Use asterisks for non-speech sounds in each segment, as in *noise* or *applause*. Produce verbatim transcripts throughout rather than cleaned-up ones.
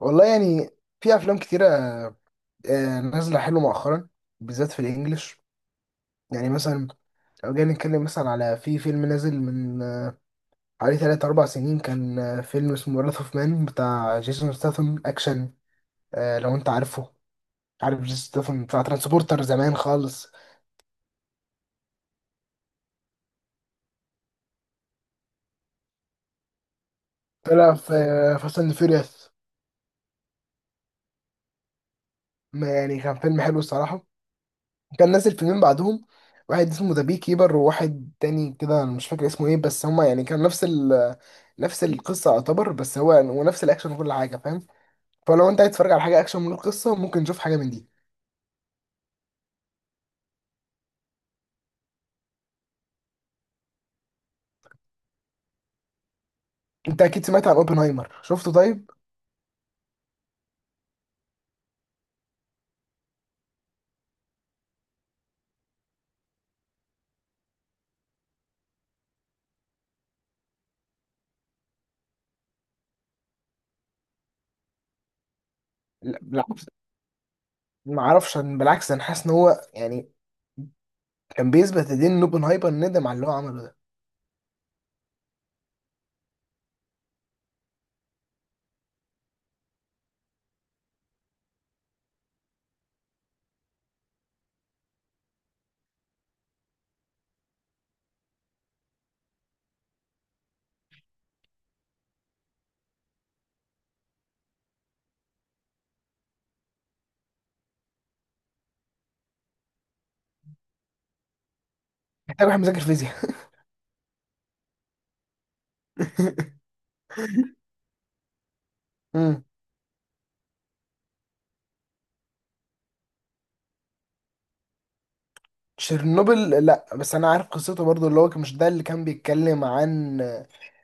والله يعني، في افلام كتيره، آه، نازله حلو مؤخرا، بالذات في الانجليش. يعني مثلا، لو جينا نتكلم مثلا على في فيلم نازل من آه، حوالي ثلاث أربع سنين سنين، كان آه، فيلم اسمه وراث اوف مان بتاع جيسون ستاثام اكشن. آه، لو انت عارفه، عارف جيسون ستاثام بتاع ترانسبورتر زمان خالص، طلع في فاست اند فيوريوس. يعني كان فيلم حلو الصراحه. كان نازل فيلمين بعدهم، واحد اسمه ذا بي كيبر، وواحد تاني كده أنا مش فاكر اسمه ايه، بس هما يعني كان نفس ال نفس القصة يعتبر، بس هو يعني، ونفس الأكشن وكل حاجة فاهم. فلو أنت عايز تتفرج على حاجة أكشن من القصة ممكن تشوف حاجة من دي. أنت أكيد سمعت عن أوبنهايمر، شفته طيب؟ لا بالعكس، ما أعرفش أنا، بالعكس أنا حاسس إن هو يعني كان بيثبت لدين إن أوبنهايمر ندم على اللي هو عمله ده. محتاج واحد مذاكر فيزياء. *laughs* تشيرنوبل لا، بس انا عارف قصته برضو، اللي هو كان- مش ده اللي كان بيتكلم عن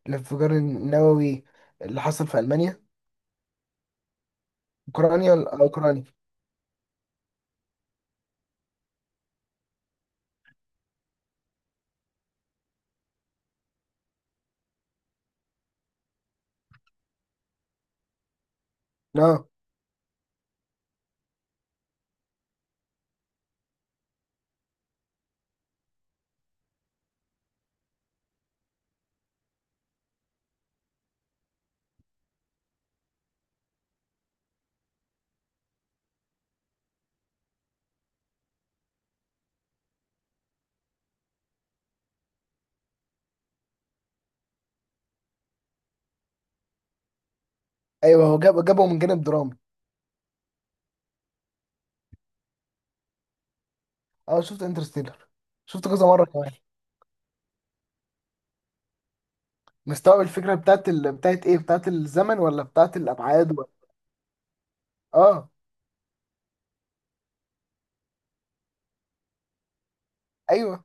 الانفجار النووي اللي حصل في المانيا؟ اوكرانيا ولا- آه، اوكرانيا. اه ايوه، هو جاب جابه من جانب درامي. اه شفت انترستيلر، شفت كذا مره كمان. مستوعب الفكره بتاعت ال... بتاعت ايه، بتاعت الزمن ولا بتاعت الابعاد ولا... اه ايوه.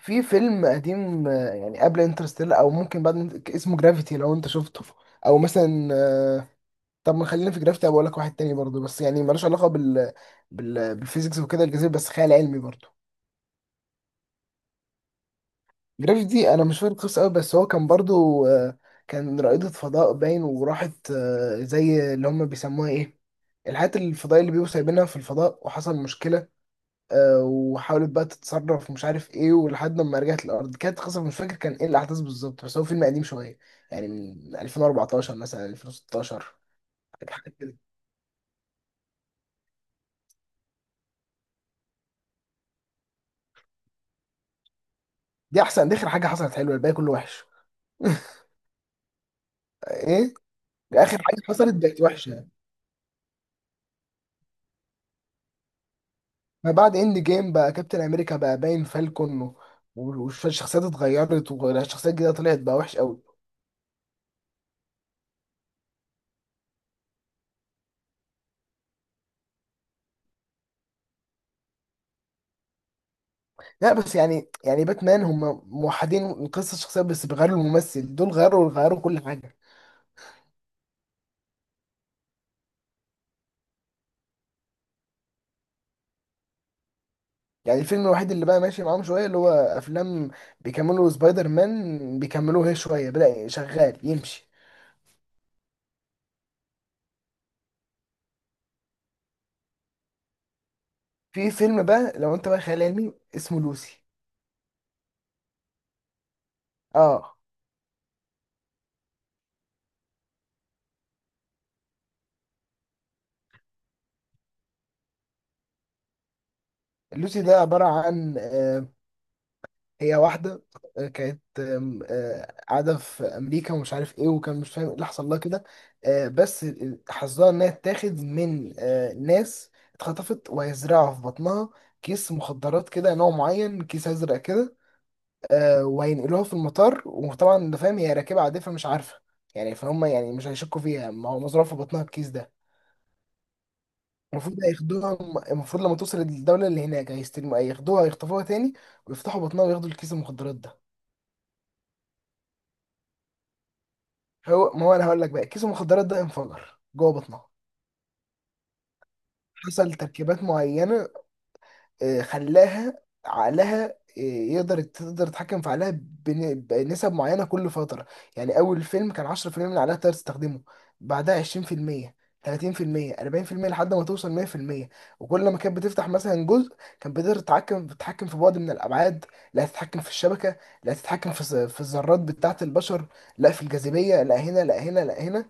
في فيلم قديم آه، يعني قبل انترستيلر او ممكن بعد، اسمه جرافيتي لو انت شفته. او مثلا آه، طب ما خلينا في جرافيتي. بقول لك واحد تاني برضه، بس يعني ملوش علاقه بال بال بالفيزيكس وكده، الجاذبيه بس، خيال علمي برضه. جرافيتي دي انا مش فاكر القصه قوي، بس هو كان برضه آه، كان رائده فضاء باين، وراحت آه، زي اللي هم بيسموها ايه، الحاجات الفضائيه اللي بيبقوا سايبينها في الفضاء، وحصل مشكله. آه، وحاولت بقى تتصرف، مش عارف ايه، ولحد ما رجعت الارض. كانت قصه مش فاكر كان ايه الاحداث بالظبط، بس هو فيلم قديم شويه، يعني من ألفين واربعتاشر مثلا ألفين وستاشر. حاجه كده. دي احسن، دي اخر حاجه حصلت حلوه، الباقي كله وحش. ايه اخر حاجه حصلت بقت وحشه. ما بعد اند جيم بقى كابتن امريكا بقى باين فالكون و- والشخصيات اتغيرت، والشخصيات الجديده طلعت بقى وحش قوي. لا بس يعني، يعني باتمان هم موحدين قصه الشخصيات، بس بيغيروا الممثل، دول غيروا غيروا كل حاجه. يعني الفيلم الوحيد اللي بقى ماشي معاهم شويه، اللي هو افلام بيكملوا سبايدر مان، بيكملوه هي شويه، بدأ شغال يمشي. في فيلم بقى لو انت بقى خيال علمي، اسمه لوسي. اه لوسي ده عباره عن آه، هي واحدة آه، كانت آم، آه، قاعدة في أمريكا، ومش عارف إيه، وكان مش فاهم إيه اللي حصل لها كده. آه، بس حظها إنها تاخد من آه، ناس اتخطفت، وهيزرعوا في بطنها كيس مخدرات كده، نوع معين، كيس أزرق كده. آه، وهينقلوها في المطار، وطبعا أنت فاهم هي راكبة عادية فمش عارفة، يعني فهم يعني مش هيشكوا فيها، ما هو مزروع في بطنها الكيس ده. المفروض هياخدوها. المفروض لما توصل الدولة اللي هناك هيستلموا، هياخدوها، هيخطفوها تاني، ويفتحوا بطنها وياخدوا الكيس المخدرات ده. هو، ما هو انا هقول لك بقى، كيس المخدرات ده انفجر جوه بطنها. حصل تركيبات معينه آه، خلاها عقلها آه، يقدر تقدر تتحكم في عقلها بن- بنسب معينة كل فترة. يعني أول فيلم كان عشرة في المية من عقلها تقدر تستخدمه، بعدها عشرين في المية ثلاثين في المية اربعين في المية لحد ما توصل مية في المية. وكل ما كانت بتفتح مثلا جزء، كانت بتقدر تتحكم تتحكم في بعد من الأبعاد، لا تتحكم في الشبكة، لا تتحكم في الز- في الذرات بتاعة البشر، لا في الجاذبية، لا هنا لا هنا لا هنا.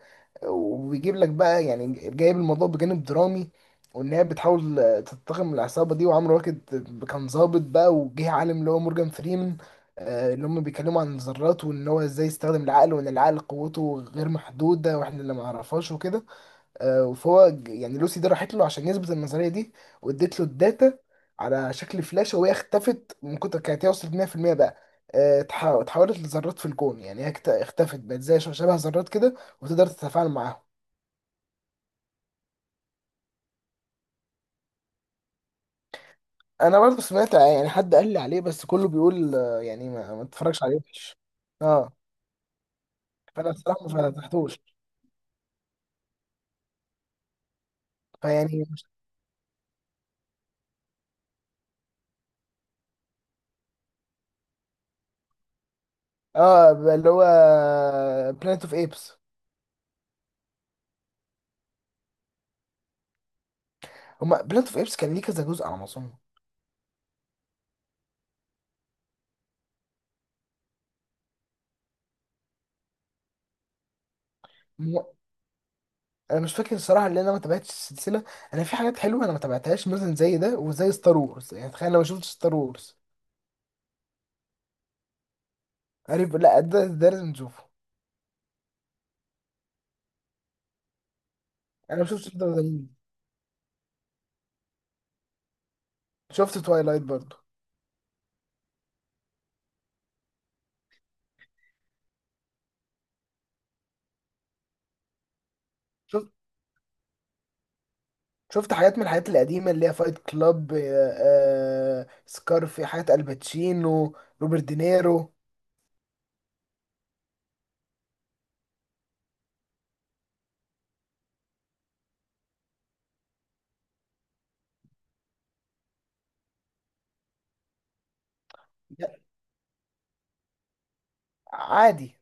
وبيجيب لك بقى يعني، جايب الموضوع بجانب درامي، وان هي بتحاول تنتقم العصابه دي. وعمرو واكد كان ظابط بقى، وجه عالم اللي هو مورجان فريمان آه، اللي هم بيتكلموا عن الذرات، وان هو ازاي يستخدم العقل، وان العقل قوته غير محدوده واحنا اللي ما نعرفهاش وكده. آه، فهو ج- يعني لوسي دي راحت له عشان يثبت النظريه دي، واديت له الداتا على شكل فلاشه، وهي اختفت من كتر كانت، هي وصلت مئة في المية بقى. آه، اتح- اتحولت لذرات في الكون، يعني هي اكت- اختفت، بقت زي شبه ذرات كده، وتقدر تتفاعل معاهم. انا برضه سمعت ع- يعني حد قال لي عليه، بس كله بيقول آه، يعني ما, ما تتفرجش عليه، وحش. اه فانا الصراحه ما فتحتوش. فيعني مش- اه ب- اللي هو بلانت اوف ايبس. هما بلانت اوف ايبس كان ليه كذا جزء على ما اظن. مو- انا مش فاكر الصراحه، لان انا ما تابعتش السلسله. انا في حاجات حلوه انا ما تابعتهاش، مثلا زي ده وزي ستار وورز، يعني تخيل انا ما شفتش ستار وورز. عارف، لا ده ده لازم نشوفه. انا ما شفتش ده زمان. شفت توايلايت برضه. شفت حاجات من الحاجات القديمة، اللي هي فايت كلاب، آه، آه، سكارفي، حاجات الباتشينو، روبرت دينيرو. لا، عادي.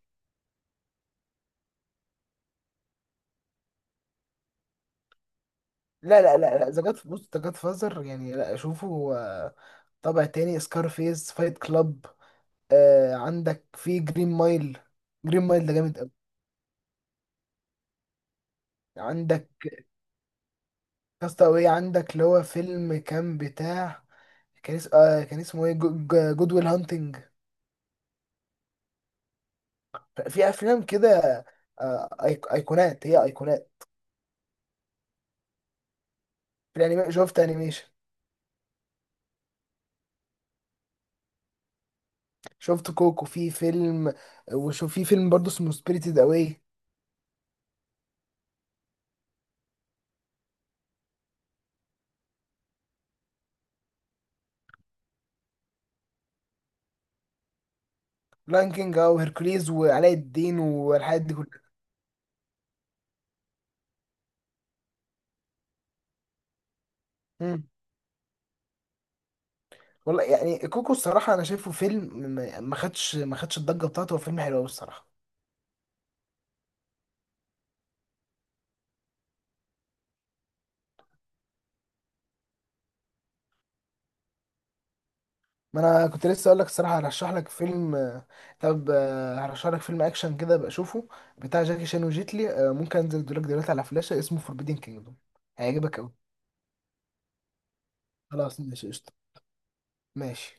لا لا لا لا، ذا جاد بص، ذا جاد فازر يعني لا اشوفه. آه، طابع تاني، سكارفيس، فايت كلاب. آه، عندك في جرين مايل، جرين مايل ده جامد قوي. عندك كاستاوي، عندك اللي هو فيلم كان بتاع، كان اس- آه، كان اسمه ايه، جو- جو- جود ويل هانتنج. في افلام كده آه، أيق- ايقونات، هي ايقونات. في الانيميشن شفت انيميشن. شفت كوكو في فيلم. وشوف في فيلم برضه اسمه سبيريتد اواي. لاين كينج او هيركوليز وعلاء الدين والحاجات دي كلها. مم. والله يعني كوكو، الصراحه انا شايفه فيلم ما ما خدش ما خدش الضجه بتاعته. هو فيلم حلو قوي الصراحه. ما انا كنت لسه اقول لك الصراحه هرشح لك فيلم. طب آه، هرشح لك فيلم اكشن كده بشوفه، بتاع جاكي شان وجيتلي. آه، ممكن انزل لك دلوقتي على فلاشه، اسمه فوربيدن كينجدوم. هيعجبك قوي. خلاص، ماشي، قشطه. ماشي.